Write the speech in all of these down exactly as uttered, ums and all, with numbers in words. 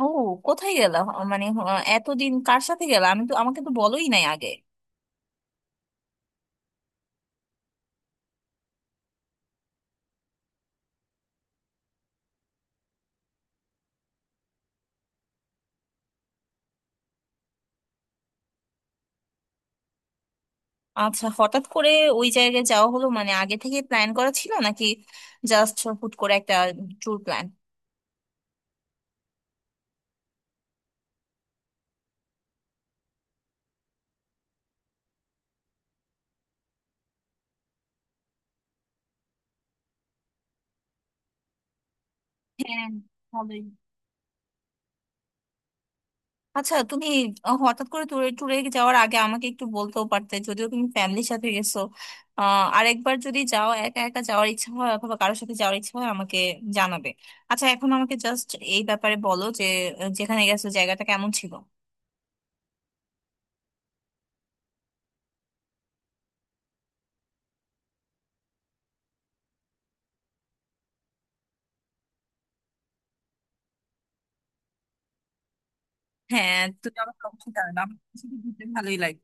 ও, কোথায় গেলা? আ, মানে আ, এতদিন কার সাথে গেলা? আমি তো, আমাকে তো বলোই নাই আগে। আচ্ছা, হঠাৎ করে ওই জায়গায় যাওয়া হলো, মানে আগে থেকে প্ল্যান করা ছিল, নাকি জাস্ট হুট করে একটা ট্যুর প্ল্যান? হ্যাঁ, ভালোই। আচ্ছা তুমি হঠাৎ করে ট্যুরে ট্যুরে যাওয়ার আগে আমাকে একটু বলতেও পারতে, যদিও তুমি ফ্যামিলির সাথে গেছো। আহ আরেকবার যদি যাও, একা একা যাওয়ার ইচ্ছা হয় অথবা কারোর সাথে যাওয়ার ইচ্ছা হয়, আমাকে জানাবে। আচ্ছা এখন আমাকে জাস্ট এই ব্যাপারে বলো যে আহ, যেখানে গেছো জায়গাটা কেমন ছিল। হ্যাঁ তুমি আমাকে অবশ্যই জানাবে, আমার আসলে ঘুরতে ভালোই লাগে।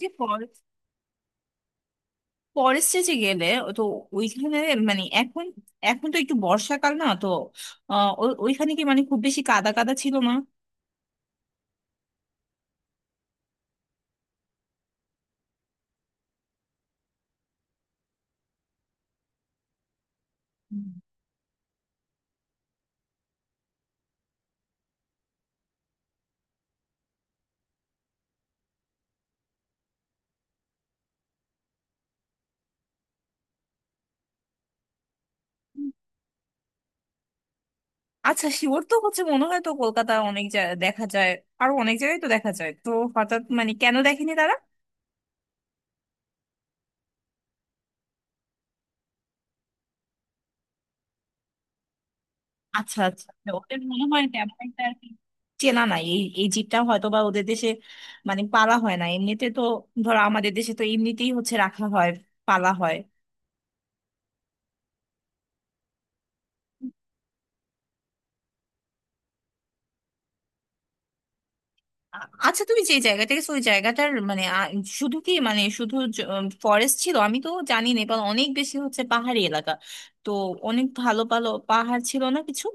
যে ফরেস্টে যে গেলে, ও তো ওইখানে, মানে এখন, এখন তো একটু বর্ষাকাল, না তো? আহ, ও- ওইখানে কি মানে খুব বেশি কাদা কাদা ছিল না? হুম। আচ্ছা, শিওর তো হচ্ছে মনে হয় তো, কলকাতা অনেক জায়গায় দেখা যায়, আরো অনেক জায়গায় তো দেখা যায় তো। হঠাৎ মানে কেন দেখেনি তারা? আচ্ছা আচ্ছা আচ্ছা। ওদের মনে হয় তেমন একটা আর কি চেনা নাই এই এই জীবটা, হয়তো বা ওদের দেশে মানে পালা হয় না এমনিতে তো। ধরো, আমাদের দেশে তো এমনিতেই হচ্ছে রাখা হয়, পালা হয়। আ- আচ্ছা তুমি যে জায়গা থেকে ওই জায়গাটার মানে আ, শুধু কি মানে শুধু ফরেস্ট ছিল? আমি তো জানি না, নেপাল অনেক বেশি হচ্ছে পাহাড়ি এলাকা, তো অনেক ভালো ভালো পাহাড় ছিল না কিছু?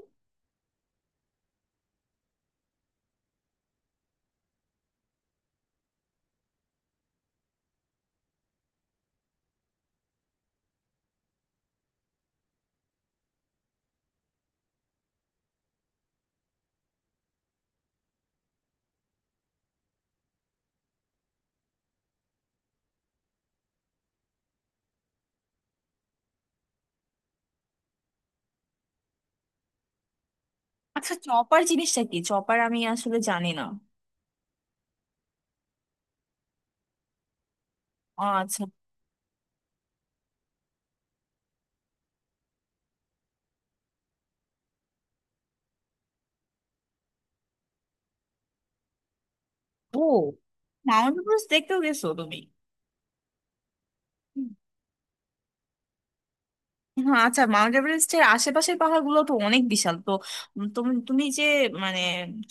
আচ্ছা চপার জিনিসটা কি? চপার আমি আসলে জানি না। ও আচ্ছা। ও, মাউন্ট এভারেস্ট দেখতেও গেছো তুমি? হ্যাঁ, আচ্ছা মাউন্ট এভারেস্টের আশেপাশের পাহাড়গুলো তো অনেক বিশাল তো। উম, তুমি তুমি যে মানে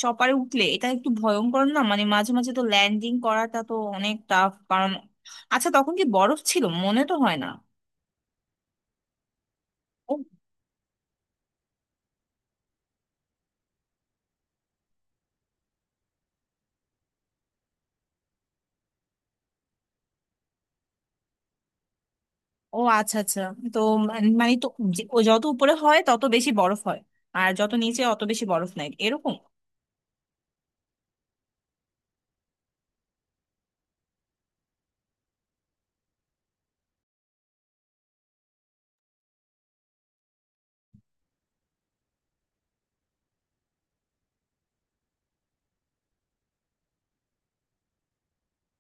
চপারে উঠলে এটা একটু ভয়ঙ্কর না? মানে মাঝে মাঝে তো ল্যান্ডিং করাটা তো অনেক টাফ, কারণ আচ্ছা তখন কি বরফ ছিল? মনে তো হয় না। ও। ও আচ্ছা আচ্ছা। তো মান- মানে তো যে- ও যত উপরে হয় তত বেশি বরফ হয়, আর যত নিচে অত বেশি বরফ নাই, এরকম?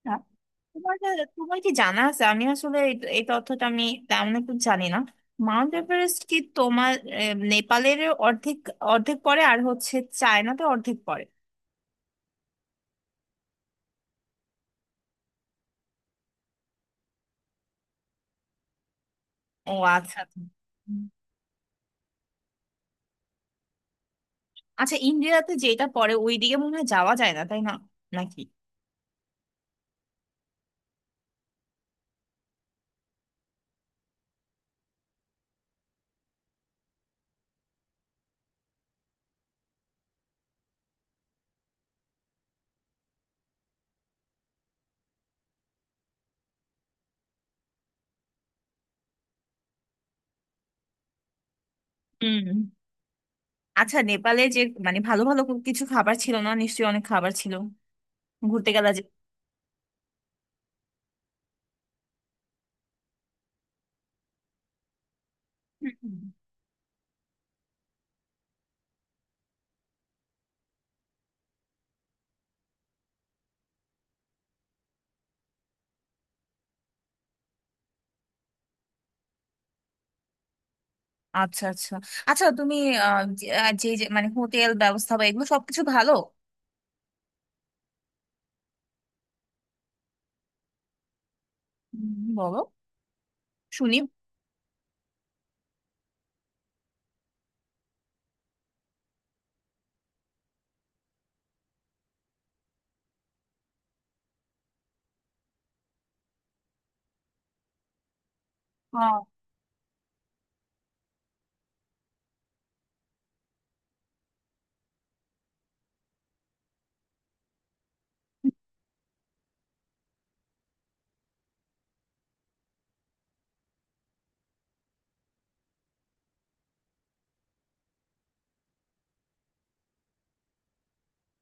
না, তোমার তোমার কি জানা আছে? আমি আসলে এই এই তথ্যটা আমি তেমন একটু জানি না। মাউন্ট এভারেস্ট কি তোমার আহ, নেপালের অর্ধেক, অর্ধেক পড়ে আর হচ্ছে চায়নাতে অর্ধেক পড়ে? ও আচ্ছা আচ্ছা। হুম। আচ্ছা ইন্ডিয়াতে যেটা পড়ে ওইদিকে মনে হয় যাওয়া যায় না, তাই না? নাকি? হুম। আচ্ছা নেপালে যে মানে ভালো ভালো কিছু খাবার ছিল না নিশ্চয়ই? অনেক খাবার ছিল ঘুরতে গেলা যে। হুম, হুম। আচ্ছা আচ্ছা। আচ্ছা তুমি আহ, যে যে- মানে হোটেল ব্যবস্থা বা এগুলো সবকিছু ভালো? হুম, বলো, শুনি। আহ,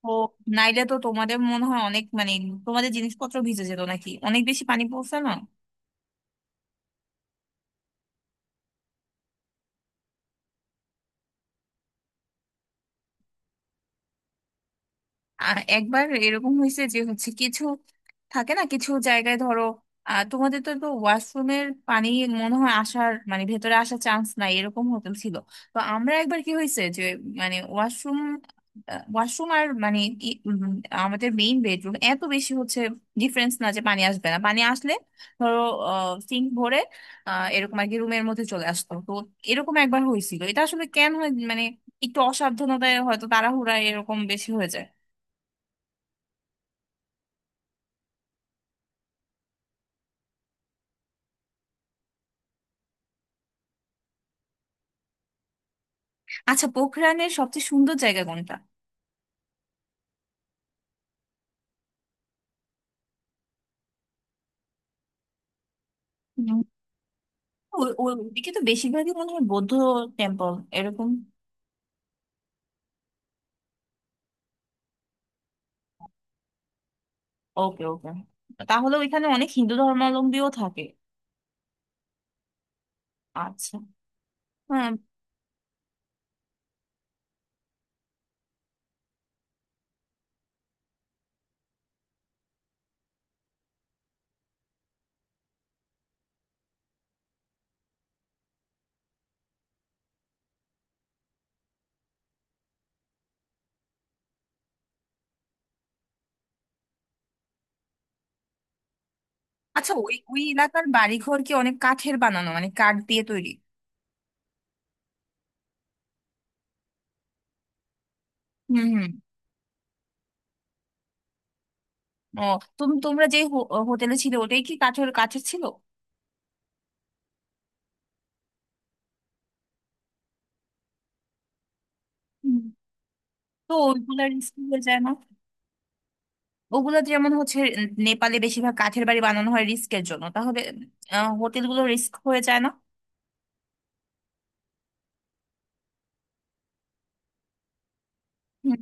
ও, নাইলে তো তোমাদের মনে হয় অনেক মানে তোমাদের জিনিসপত্র ভিজে যেত নাকি? অনেক বেশি পানি পড়ছে না? আ- একবার এরকম হয়েছে যে হচ্ছে কিছু থাকে না কিছু জায়গায়। ধরো, আহ, তোমাদের তো, তো ওয়াশরুমের পানি মনে হয় আসার মানে ভেতরে আসার চান্স নাই এরকম হোটেল ছিল। তো আমরা একবার কি হয়েছে যে মানে ওয়াশরুম, ওয়াশরুম আর মানে ই- উম, আমাদের মেইন বেডরুম এত বেশি হচ্ছে ডিফারেন্স না যে পানি আসবে না, পানি আসলে ধরো সিঙ্ক ভরে আহ, এরকম আর কি রুমের মধ্যে চলে আসতো তো। এরকম একবার হয়েছিল। এটা আসলে কেন হয় মানে একটু অসাবধানতায় হয়তো, তাড়াহুড়া এরকম বেশি হয়ে যায়। আচ্ছা পোখরানের সবচেয়ে সুন্দর জায়গা কোনটা? উম, ও- ও- ওদিকে তো বেশিরভাগই মনে হয় বৌদ্ধ টেম্পল এরকম? ওকে ওকে। তাহলে ওইখানে অনেক হিন্দু ধর্মাবলম্বীও থাকে? আচ্ছা। হ্যাঁ। আচ্ছা ওই, ওই এলাকার বাড়িঘর কি অনেক কাঠের বানানো মানে কাঠ দিয়ে তৈরি? হুম হুম। ও তুমি, তোমরা যে হো- হোটেলে ছিল ওটাই কি কাঠের কাঠের ছিল? উম, তো ওইগুলা রিস্ক হয়ে যায় না? ওগুলা যেমন হচ্ছে নেপালে বেশিরভাগ কাঠের বাড়ি বানানো হয় রিস্কের জন্য, তাহলে হোটেলগুলো রিস্ক হয়ে যায় না?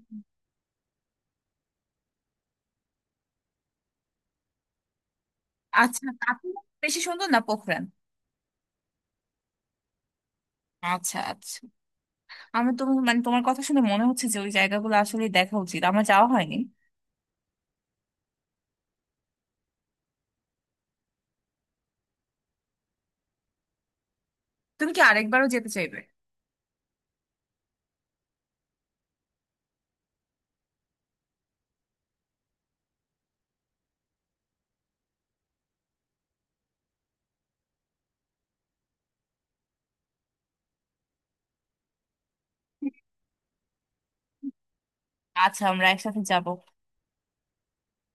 আচ্ছা কাঠুয়া বেশি সুন্দর না পোখরান? আচ্ছা আচ্ছা, আমি তো মানে তোমার কথা শুনে মনে হচ্ছে যে ওই জায়গাগুলো আসলে দেখা উচিত, আমার যাওয়া হয়নি। তুমি কি আরেকবারও যেতে চাইবে? আচ্ছা আমরা একসাথে যাব।